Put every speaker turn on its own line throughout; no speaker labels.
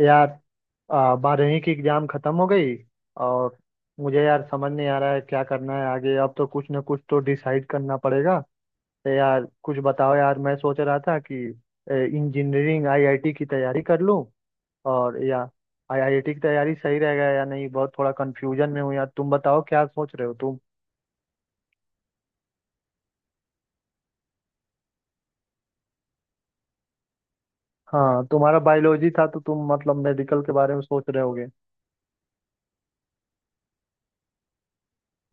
यार बारहवीं की एग्जाम खत्म हो गई। और मुझे यार समझ नहीं आ रहा है क्या करना है आगे। अब तो कुछ ना कुछ तो डिसाइड करना पड़ेगा। तो यार कुछ बताओ यार, मैं सोच रहा था कि इंजीनियरिंग आईआईटी की तैयारी कर लूं। और या आईआईटी की तैयारी सही रहेगा या नहीं, बहुत थोड़ा कंफ्यूजन में हूँ यार। तुम बताओ क्या सोच रहे हो तुम। हाँ, तुम्हारा बायोलॉजी था तो तुम मतलब मेडिकल के बारे में सोच रहे होगे।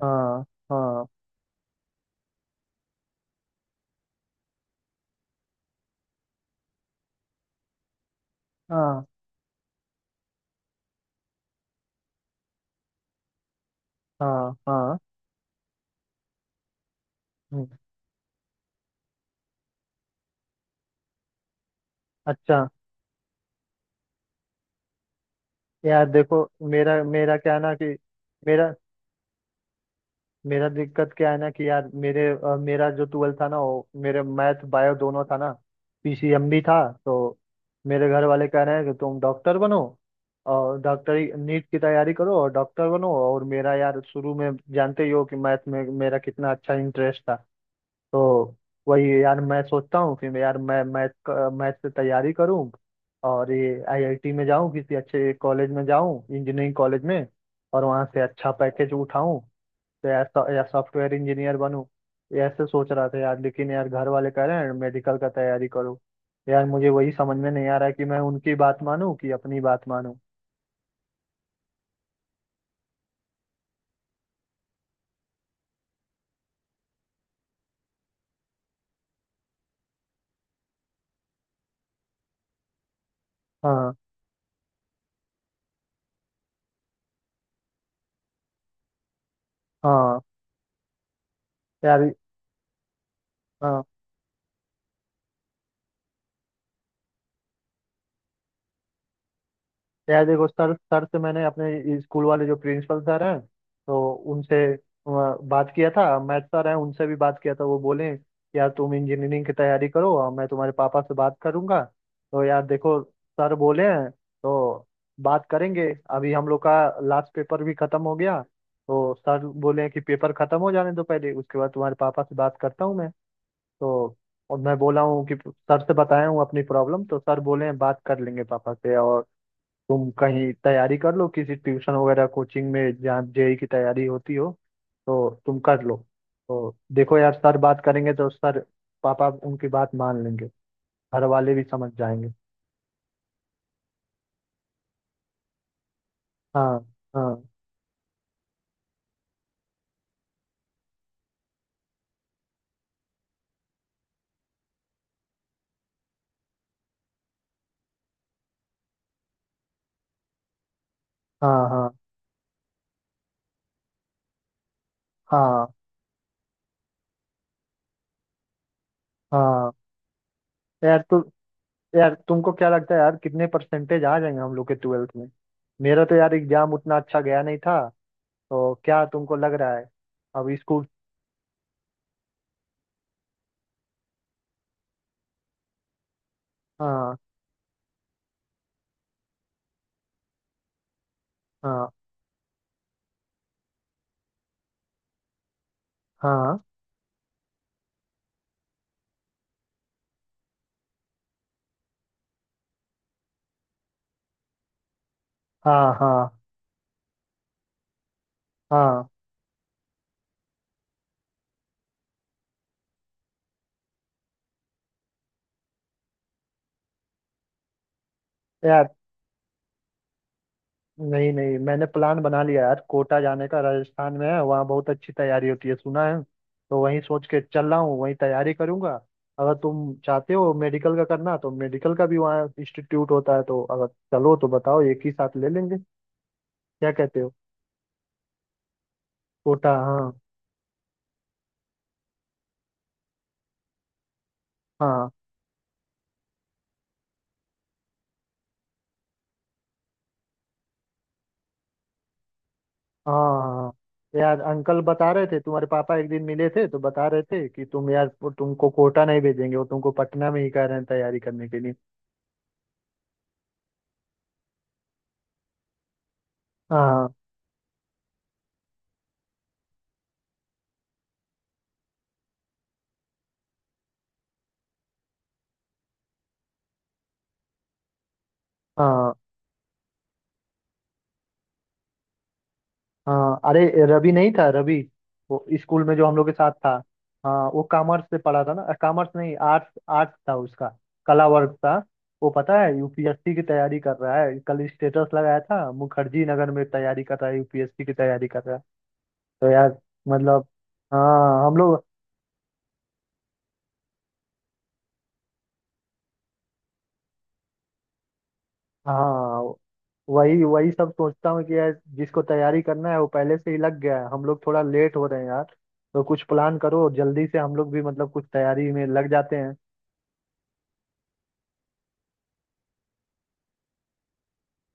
हाँ। हाँ। हाँ। हाँ। हाँ। हम्म। अच्छा। यार देखो, मेरा मेरा क्या है ना कि मेरा मेरा दिक्कत क्या है ना कि यार मेरा जो ट्वेल्थ था ना, वो मेरे मैथ बायो दोनों था ना, पीसीएम भी था। तो मेरे घर वाले कह रहे हैं कि तुम डॉक्टर बनो, और डॉक्टरी नीट की तैयारी करो और डॉक्टर बनो। और मेरा यार, शुरू में जानते ही हो कि मैथ में मेरा कितना अच्छा इंटरेस्ट था। तो वही यार मैं सोचता हूँ कि मैं मैथ मैथ से तैयारी करूँ, और ये आईआईटी में जाऊँ, किसी अच्छे कॉलेज में जाऊँ, इंजीनियरिंग कॉलेज में, और वहाँ से अच्छा पैकेज उठाऊँ। तो यार या सॉफ्टवेयर इंजीनियर बनूँ, ये ऐसे सोच रहा था यार। लेकिन यार घर वाले कह रहे हैं मेडिकल का तैयारी करो। यार मुझे वही समझ में नहीं आ रहा है कि मैं उनकी बात मानूँ कि अपनी बात मानूँ। हाँ। हाँ। यार। हाँ। यार देखो, सर सर से मैंने अपने स्कूल वाले जो प्रिंसिपल सर हैं तो उनसे बात किया था। मैथ सर हैं, उनसे भी बात किया था। वो बोले कि यार तुम इंजीनियरिंग की तैयारी करो और मैं तुम्हारे पापा से बात करूंगा। तो यार देखो, सर बोले हैं तो बात करेंगे। अभी हम लोग का लास्ट पेपर भी खत्म हो गया, तो सर बोले हैं कि पेपर खत्म हो जाने दो पहले, उसके बाद तुम्हारे पापा से बात करता हूँ मैं। तो और मैं बोला हूँ कि सर से बताया हूँ अपनी प्रॉब्लम, तो सर बोले हैं बात कर लेंगे पापा से, और तुम कहीं तैयारी कर लो किसी ट्यूशन वगैरह कोचिंग में जहाँ जेई की तैयारी होती हो, तो तुम कर लो। तो देखो यार, सर बात करेंगे तो सर, पापा उनकी बात मान लेंगे, घर वाले भी समझ जाएंगे। हाँ। हाँ। हाँ। हाँ। हाँ। हाँ। यार तु, यार तुमको क्या लगता है यार, कितने परसेंटेज आ जाएंगे हम लोग के ट्वेल्थ में। मेरा तो यार एग्जाम उतना अच्छा गया नहीं था। तो क्या तुमको लग रहा है। अब स्कूल। हाँ। हाँ। हाँ। हाँ। हाँ। हाँ। यार नहीं नहीं, मैंने प्लान बना लिया यार, कोटा जाने का, राजस्थान में है, वहाँ बहुत अच्छी तैयारी होती है सुना है। तो वहीं सोच के चल रहा हूँ, वहीं तैयारी करूंगा। अगर तुम चाहते हो मेडिकल का करना, तो मेडिकल का भी वहाँ इंस्टीट्यूट होता है, तो अगर चलो तो बताओ, एक ही साथ ले लेंगे। क्या कहते हो। कोटा, हाँ। हाँ। हाँ। हाँ। यार अंकल बता रहे थे, तुम्हारे पापा एक दिन मिले थे तो बता रहे थे कि तुम यार, वो तुमको कोटा नहीं भेजेंगे, वो तुमको पटना में ही कह रहे हैं तैयारी करने के लिए। हाँ। हाँ। हाँ। अरे रवि नहीं था, रवि, वो स्कूल में जो हम लोग के साथ था। हाँ वो कॉमर्स से पढ़ा था ना, कॉमर्स नहीं आर्ट्स, आर्ट्स था उसका, कला वर्ग था वो। पता है यूपीएससी की तैयारी कर रहा है, कल स्टेटस लगाया था, मुखर्जी नगर में तैयारी कर रहा है, यूपीएससी की तैयारी कर रहा है। तो यार मतलब, हाँ हम लोग, हाँ, वही वही सब सोचता हूँ कि यार जिसको तैयारी करना है वो पहले से ही लग गया है, हम लोग थोड़ा लेट हो रहे हैं यार। तो कुछ प्लान करो जल्दी से, हम लोग भी मतलब कुछ तैयारी में लग जाते हैं।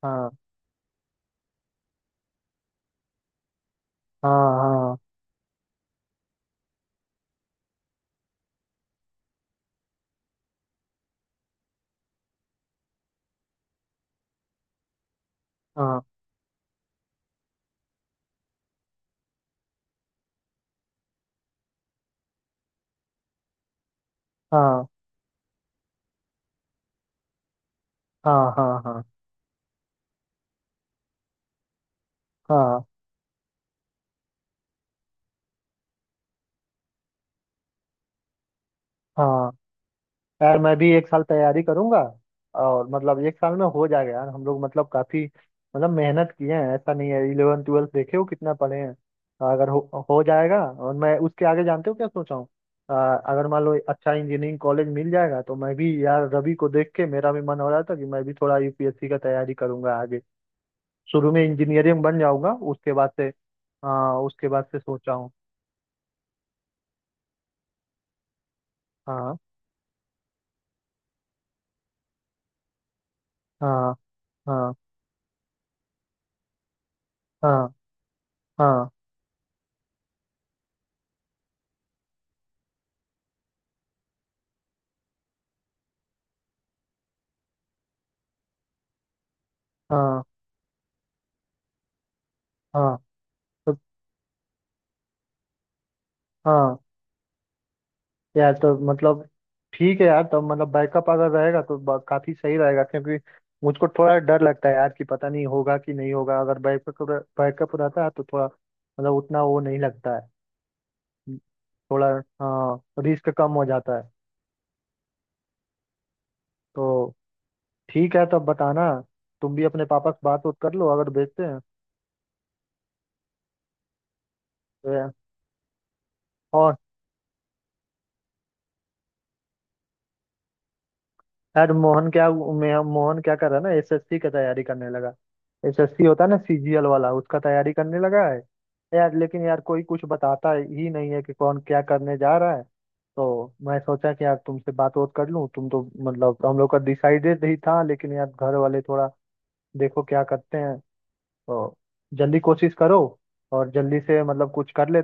हाँ। हाँ। हाँ। हाँ। हाँ। हाँ। हाँ। हाँ। हाँ। यार मैं भी एक साल तैयारी करूंगा। और मतलब एक साल में हो जाएगा यार, हम लोग मतलब काफी मतलब मेहनत किए हैं, ऐसा नहीं है, इलेवन ट्वेल्थ देखे हो कितना पढ़े हैं, अगर हो जाएगा। और मैं उसके आगे जानते हो क्या सोचा हूँ, अगर मान लो अच्छा इंजीनियरिंग कॉलेज मिल जाएगा, तो मैं भी यार रवि को देख के मेरा भी मन हो रहा था कि मैं भी थोड़ा यूपीएससी का तैयारी करूंगा आगे। शुरू में इंजीनियरिंग बन जाऊंगा, उसके बाद से। हाँ उसके बाद से सोचा हूँ। हाँ। हाँ। हाँ। हाँ। हाँ। हाँ। हाँ तो हाँ यार, तो मतलब ठीक है यार। तो मतलब बैकअप अगर रहेगा तो काफी सही रहेगा, क्योंकि मुझको थोड़ा डर लगता है यार कि पता नहीं होगा कि नहीं होगा। अगर बैकअप बैकअप रहता है तो थोड़ा मतलब उतना वो नहीं लगता है, थोड़ा, हाँ, रिस्क कम हो जाता है। तो ठीक है, तब बताना। तुम भी अपने पापा से बात उत कर लो अगर बेचते हैं। तो, और यार मोहन क्या, मैं मोहन क्या कर रहा है ना, एसएससी का तैयारी करने लगा। एसएससी होता है ना सीजीएल वाला, उसका तैयारी करने लगा है। यार लेकिन यार कोई कुछ बताता ही नहीं है कि कौन क्या करने जा रहा है। तो मैं सोचा कि यार तुमसे बात वोत कर लूं, तुम तो मतलब हम लोग का डिसाइडेड ही था, लेकिन यार घर वाले थोड़ा, देखो क्या करते हैं। तो जल्दी कोशिश करो, और जल्दी से मतलब कुछ कर ले,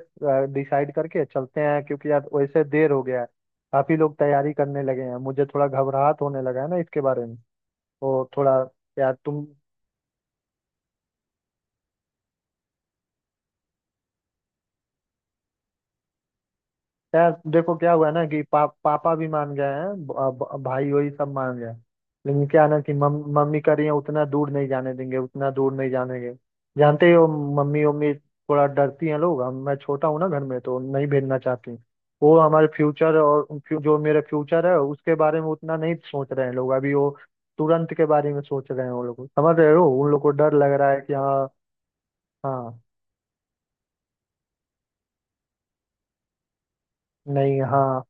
डिसाइड करके चलते हैं, क्योंकि यार वैसे देर हो गया है, काफी लोग तैयारी करने लगे हैं, मुझे थोड़ा घबराहट होने लगा है ना इसके बारे में। तो थोड़ा, यार तुम, यार देखो क्या हुआ ना कि पापा भी मान गए हैं, भाई वही सब मान गए। लेकिन क्या ना कि मम्मी कह रही है उतना दूर नहीं जाने देंगे, उतना दूर नहीं जाने देंगे, जानते ही हो मम्मी उम्मी थोड़ा डरती हैं लोग, हम मैं छोटा हूँ ना घर में तो नहीं भेजना चाहती। वो हमारे फ्यूचर जो मेरा फ्यूचर है उसके बारे में उतना नहीं सोच रहे हैं लोग, अभी वो तुरंत के बारे में सोच रहे हैं। वो लोग समझ रहे हो, उन लोग को डर लग रहा है कि, हाँ। हाँ। नहीं। हाँ।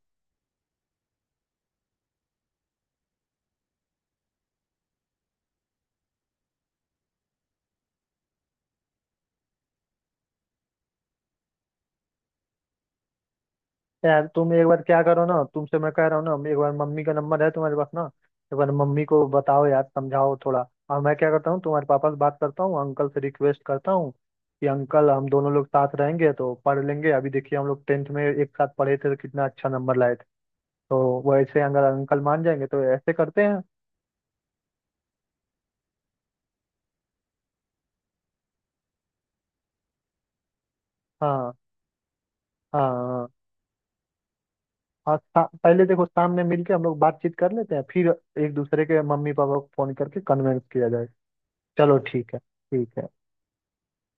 यार तुम एक बार क्या करो ना, तुमसे मैं कह रहा हूँ ना, एक बार मम्मी का नंबर है तुम्हारे पास ना, एक बार मम्मी को बताओ यार, समझाओ थोड़ा। और मैं क्या करता हूँ, तुम्हारे पापा से बात करता हूँ, अंकल से रिक्वेस्ट करता हूँ कि अंकल हम दोनों लोग साथ रहेंगे तो पढ़ लेंगे, अभी देखिए हम लोग टेंथ में एक साथ पढ़े थे तो कितना अच्छा नंबर लाए थे। तो वैसे अगर अंकल मान जाएंगे तो ऐसे करते हैं। हाँ। हाँ। हाँ। और पहले देखो सामने मिलके हम लोग बातचीत कर लेते हैं फिर। एक दूसरे के मम्मी पापा को फोन करके कन्वेंस किया जाए। चलो ठीक है, ठीक है।